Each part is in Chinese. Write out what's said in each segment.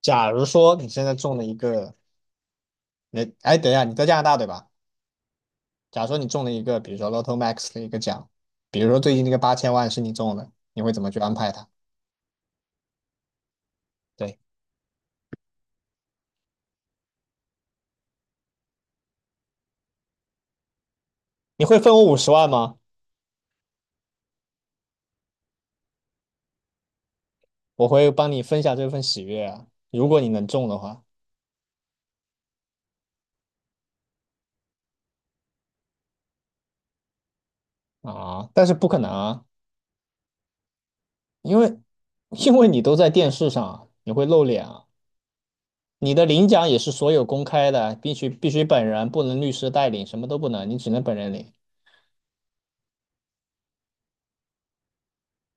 假如说你现在中了一个，哎，等一下，你在加拿大对吧？假如说你中了一个，比如说 Lotto Max 的一个奖，比如说最近那个八千万是你中的，你会怎么去安排它？对，你会分我五十万吗？我会帮你分享这份喜悦啊，如果你能中的话啊，但是不可能啊，因为因为你都在电视上啊，你会露脸啊，你的领奖也是所有公开的，必须本人，不能律师代领，什么都不能，你只能本人领。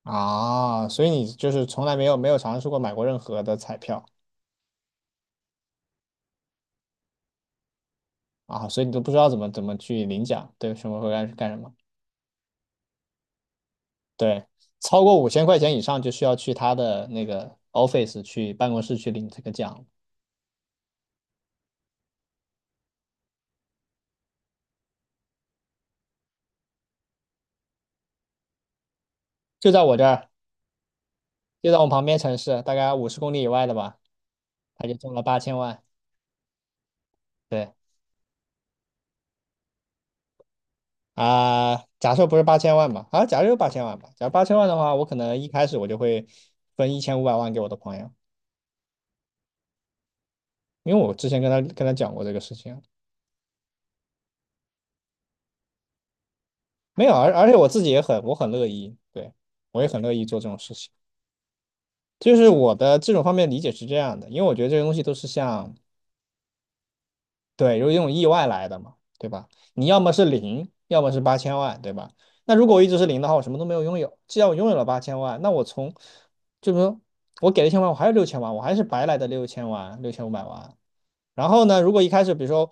啊，所以你就是从来没有尝试过买过任何的彩票啊，所以你都不知道怎么去领奖，对，什么会干什么？对，超过5000块钱以上就需要去他的那个 office 去办公室去领这个奖，就在我这儿，就在我旁边城市，大概50公里以外的吧，他就中了八千万。对啊，假设不是八千万吧，啊，假设有八千万吧，假如八千万的话，我可能一开始我就会分一千五百万给我的朋友，因为我之前跟他讲过这个事情，没有，而且我自己也很，我很乐意，对，我也很乐意做这种事情。就是我的这种方面理解是这样的，因为我觉得这些东西都是像对，有一种意外来的嘛，对吧？你要么是零，要么是八千万，对吧？那如果我一直是零的话，我什么都没有拥有。既然我拥有了八千万，那我从，就是说我给了1000万，我还有六千万，我还是白来的六千万，六千五百万。然后呢，如果一开始，比如说，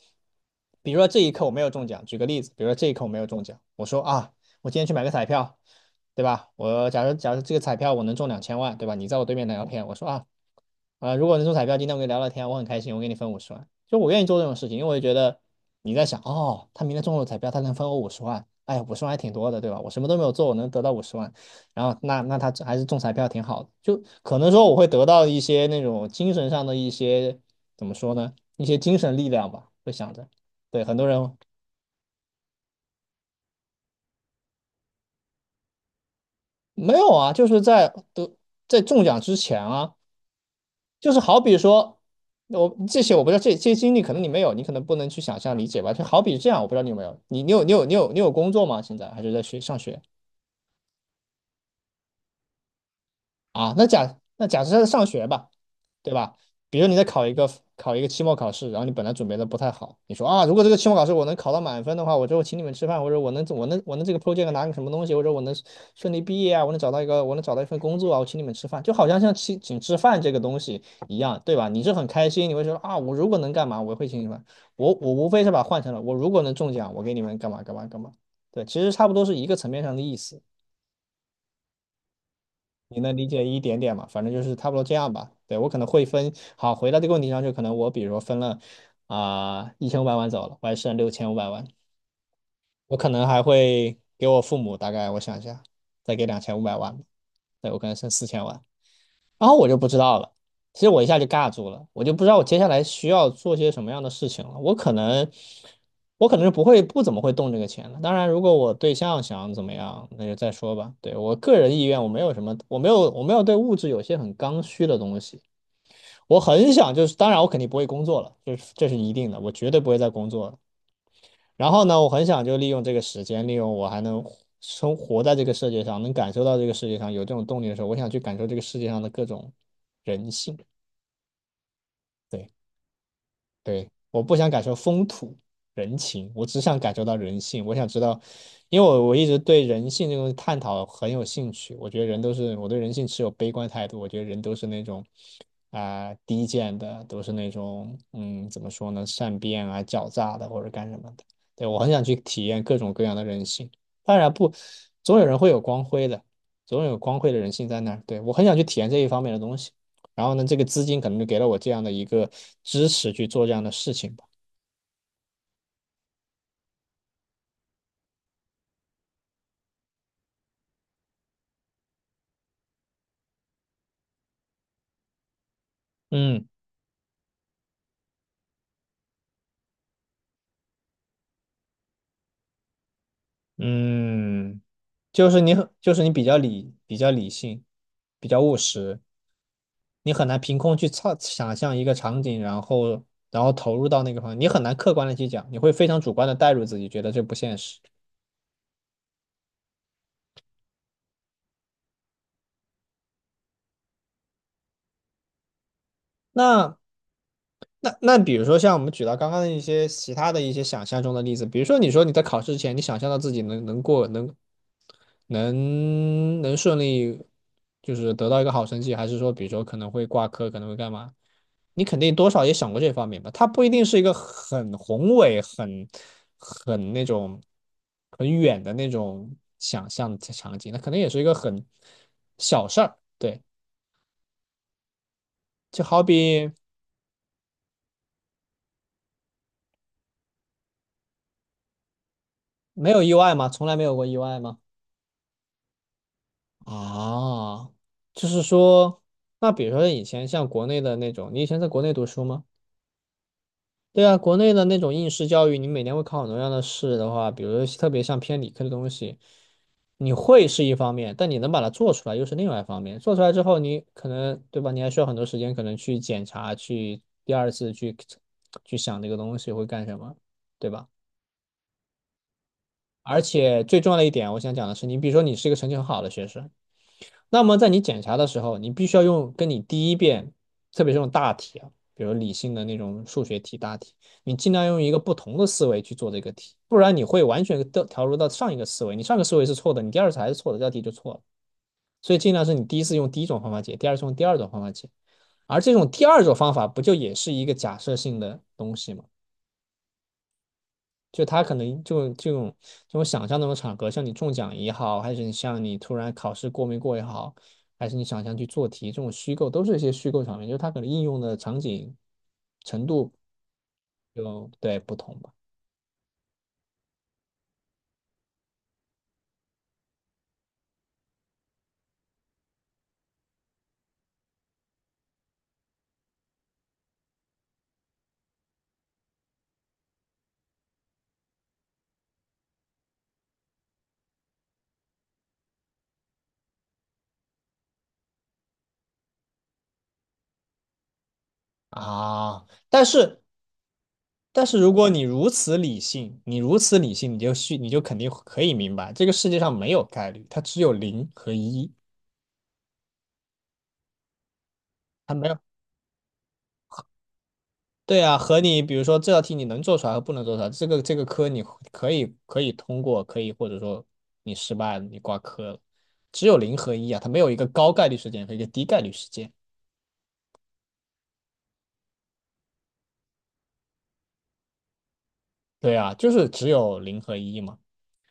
比如说这一刻我没有中奖，举个例子，比如说这一刻我没有中奖，我说啊，我今天去买个彩票，对吧？我假如这个彩票我能中2000万，对吧？你在我对面打个片，我说啊，如果能中彩票，今天我跟你聊聊天啊，我很开心，我给你分五十万。就我愿意做这种事情，因为我觉得你在想，哦，他明天中了彩票，他能分我五十万，哎，五十万还挺多的，对吧？我什么都没有做，我能得到五十万，然后那他还是中彩票挺好的。就可能说我会得到一些那种精神上的一些怎么说呢，一些精神力量吧，会想着。对，很多人没有啊，就是在中奖之前啊。就是好比说，我这些我不知道，这些经历可能你没有，你可能不能去想象理解吧。就好比这样，我不知道你有没有，你有工作吗？现在还是上学？啊，那假设他在上学吧，对吧？比如你在考一个期末考试，然后你本来准备的不太好，你说啊，如果这个期末考试我能考到满分的话，我就请你们吃饭，或者我能这个 project 拿个什么东西，或者我能顺利毕业啊，我能找到一份工作啊，我请你们吃饭，就好像请吃饭这个东西一样，对吧？你是很开心，你会说啊，我如果能干嘛，我会请你们，我无非是把它换成了我如果能中奖，我给你们干嘛干嘛干嘛，对，其实差不多是一个层面上的意思。你能理解一点点嘛？反正就是差不多这样吧。对，我可能会分，好，回到这个问题上，就可能我比如说分了啊一千五百万走了，我还剩六千五百万，我可能还会给我父母大概我想一下，再给2500万吧对，我可能剩4000万。然后我就不知道了。其实我一下就尬住了，我就不知道我接下来需要做些什么样的事情了。我可能是不怎么会动这个钱了。当然，如果我对象想怎么样，那就再说吧。对我个人意愿，我没有什么，我没有对物质有些很刚需的东西。我很想就是，当然我肯定不会工作了，这是一定的，我绝对不会再工作了。然后呢，我很想就利用这个时间，利用我还能生活在这个世界上，能感受到这个世界上有这种动力的时候，我想去感受这个世界上的各种人性。对。对，我不想感受风土人情，我只想感受到人性。我想知道，因为我一直对人性这种探讨很有兴趣。我觉得人都是，我对人性持有悲观态度。我觉得人都是那种低贱的，都是那种怎么说呢，善变啊、狡诈的或者干什么的。对，我很想去体验各种各样的人性。当然不，总有人会有光辉的，总有光辉的人性在那儿。对，我很想去体验这一方面的东西。然后呢，这个资金可能就给了我这样的一个支持去做这样的事情吧。嗯嗯，就是你很，就是你比较理性，比较务实，你很难凭空去想象一个场景，然后投入到那个方面，你很难客观的去讲，你会非常主观的带入自己，觉得这不现实。那那比如说像我们举到刚刚的一些其他的一些想象中的例子，比如说你说你在考试之前，你想象到自己能能过能能能顺利，就是得到一个好成绩，还是说比如说可能会挂科，可能会干嘛？你肯定多少也想过这方面吧？它不一定是一个很宏伟、很那种很远的那种想象的场景，那可能也是一个很小事儿。对，就好比。没有意外吗？从来没有过意外吗？啊，就是说，那比如说以前像国内的那种，你以前在国内读书吗？对啊，国内的那种应试教育，你每年会考很多样的试的话，比如说特别像偏理科的东西，你会是一方面，但你能把它做出来又是另外一方面。做出来之后，你可能，对吧？你还需要很多时间，可能去检查，去第二次去想这个东西会干什么，对吧？而且最重要的一点，我想讲的是，你比如说你是一个成绩很好的学生。那么在你检查的时候，你必须要用跟你第一遍，特别是用大题啊，比如理性的那种数学题大题，你尽量用一个不同的思维去做这个题，不然你会完全调入到上一个思维，你上个思维是错的，你第二次还是错的，这道题就错了。所以尽量是你第一次用第一种方法解，第二次用第二种方法解，而这种第二种方法不就也是一个假设性的东西吗？就他可能就这种想象那种场合，像你中奖也好，还是你像你突然考试过没过也好，还是你想象去做题，这种虚构都是一些虚构场面，就是它可能应用的场景程度就对不同吧。啊，但是如果你如此理性，你如此理性，你就肯定可以明白，这个世界上没有概率，它只有零和一，它没有。对啊，和你比如说这道题你能做出来和不能做出来，这个科你可以通过，可以或者说你失败了，你挂科了，只有零和一啊，它没有一个高概率事件和一个低概率事件。对啊，就是只有零和一嘛，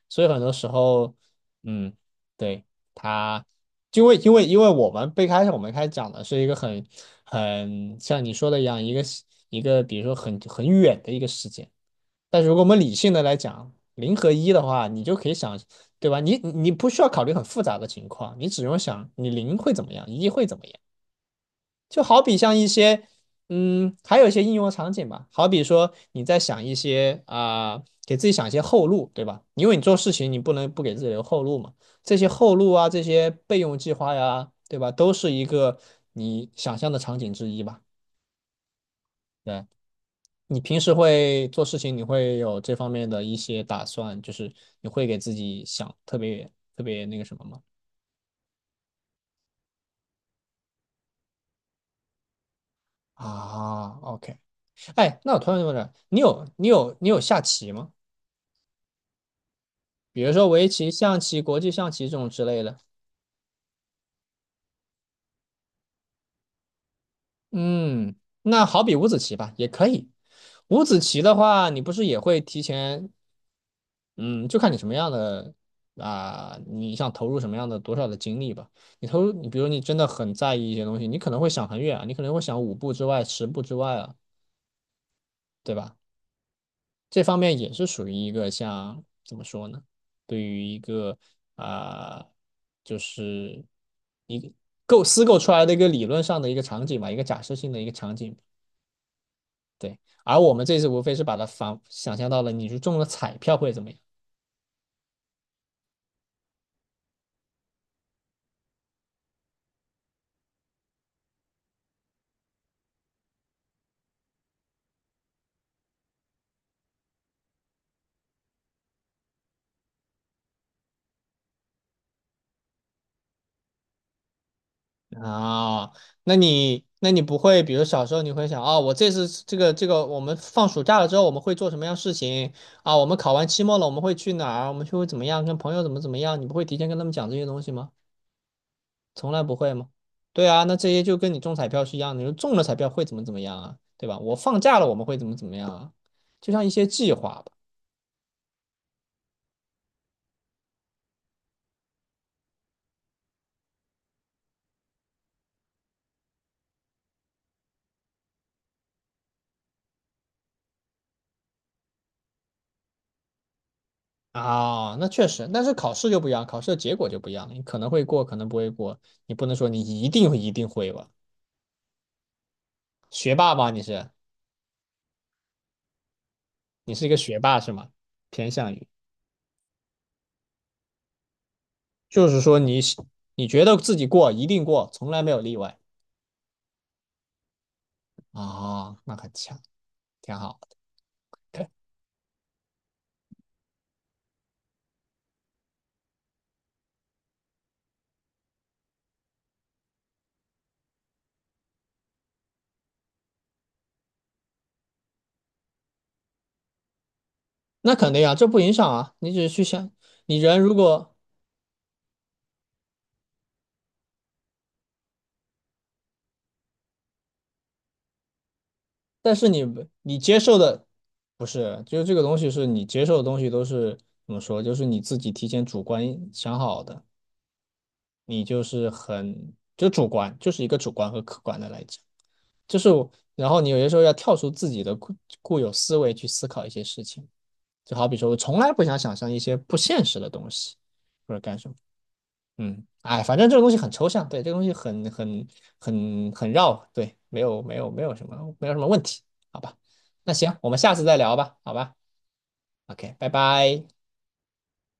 所以很多时候，嗯，对，它因为我们开始讲的是一个很像你说的一样，一个比如说很远的一个事件。但是如果我们理性的来讲，零和一的话，你就可以想，对吧？你不需要考虑很复杂的情况，你只用想你零会怎么样，一会怎么样。就好比像一些，嗯，还有一些应用场景吧，好比说你在想一些啊、给自己想一些后路，对吧？因为你做事情你不能不给自己留后路嘛。这些后路啊，这些备用计划呀，对吧？都是一个你想象的场景之一吧。对。你平时会做事情，你会有这方面的一些打算，就是你会给自己想特别那个什么吗？啊，OK，哎，那我突然问了，你有下棋吗？比如说围棋、象棋、国际象棋这种之类的。嗯，那好比五子棋吧，也可以。五子棋的话，你不是也会提前嗯，就看你什么样的啊、你想投入什么样的多少的精力吧。你投入，你比如你真的很在意一些东西，你可能会想很远啊，你可能会想五步之外、十步之外啊，对吧？这方面也是属于一个像怎么说呢？对于一个啊、就是一个构思构出来的一个理论上的一个场景吧，一个假设性的一个场景。对，而我们这次无非是把它反想象到了，你是中了彩票会怎么样？啊，那你不会，比如小时候你会想啊、我这次这个，我们放暑假了之后我们会做什么样事情啊？我们考完期末了，我们会去哪儿？我们去会怎么样？跟朋友怎么怎么样？你不会提前跟他们讲这些东西吗？从来不会吗？对啊，那这些就跟你中彩票是一样的，你说中了彩票会怎么怎么样啊？对吧？我放假了我们会怎么怎么样啊？就像一些计划吧。啊，那确实，但是考试就不一样，考试的结果就不一样了，你可能会过，可能不会过，你不能说你一定会吧？学霸吧，你是？你是一个学霸是吗？偏向于，就是说你觉得自己过一定过，从来没有例外啊、哦那很强，挺好。对，那肯定啊，这不影响啊，你只是去想，你人如果，但是你接受的不是，就是这个东西是你接受的东西都是怎么说，就是你自己提前主观想好的，你就是很就主观，就是一个主观和客观的来讲，就是然后你有些时候要跳出自己的固有思维去思考一些事情。就好比说，我从来不想想象一些不现实的东西，或者干什么。嗯，哎，反正这个东西很抽象，对，这个东西很很绕，对，没有什么问题，好吧？那行，我们下次再聊吧，好吧？OK，拜拜。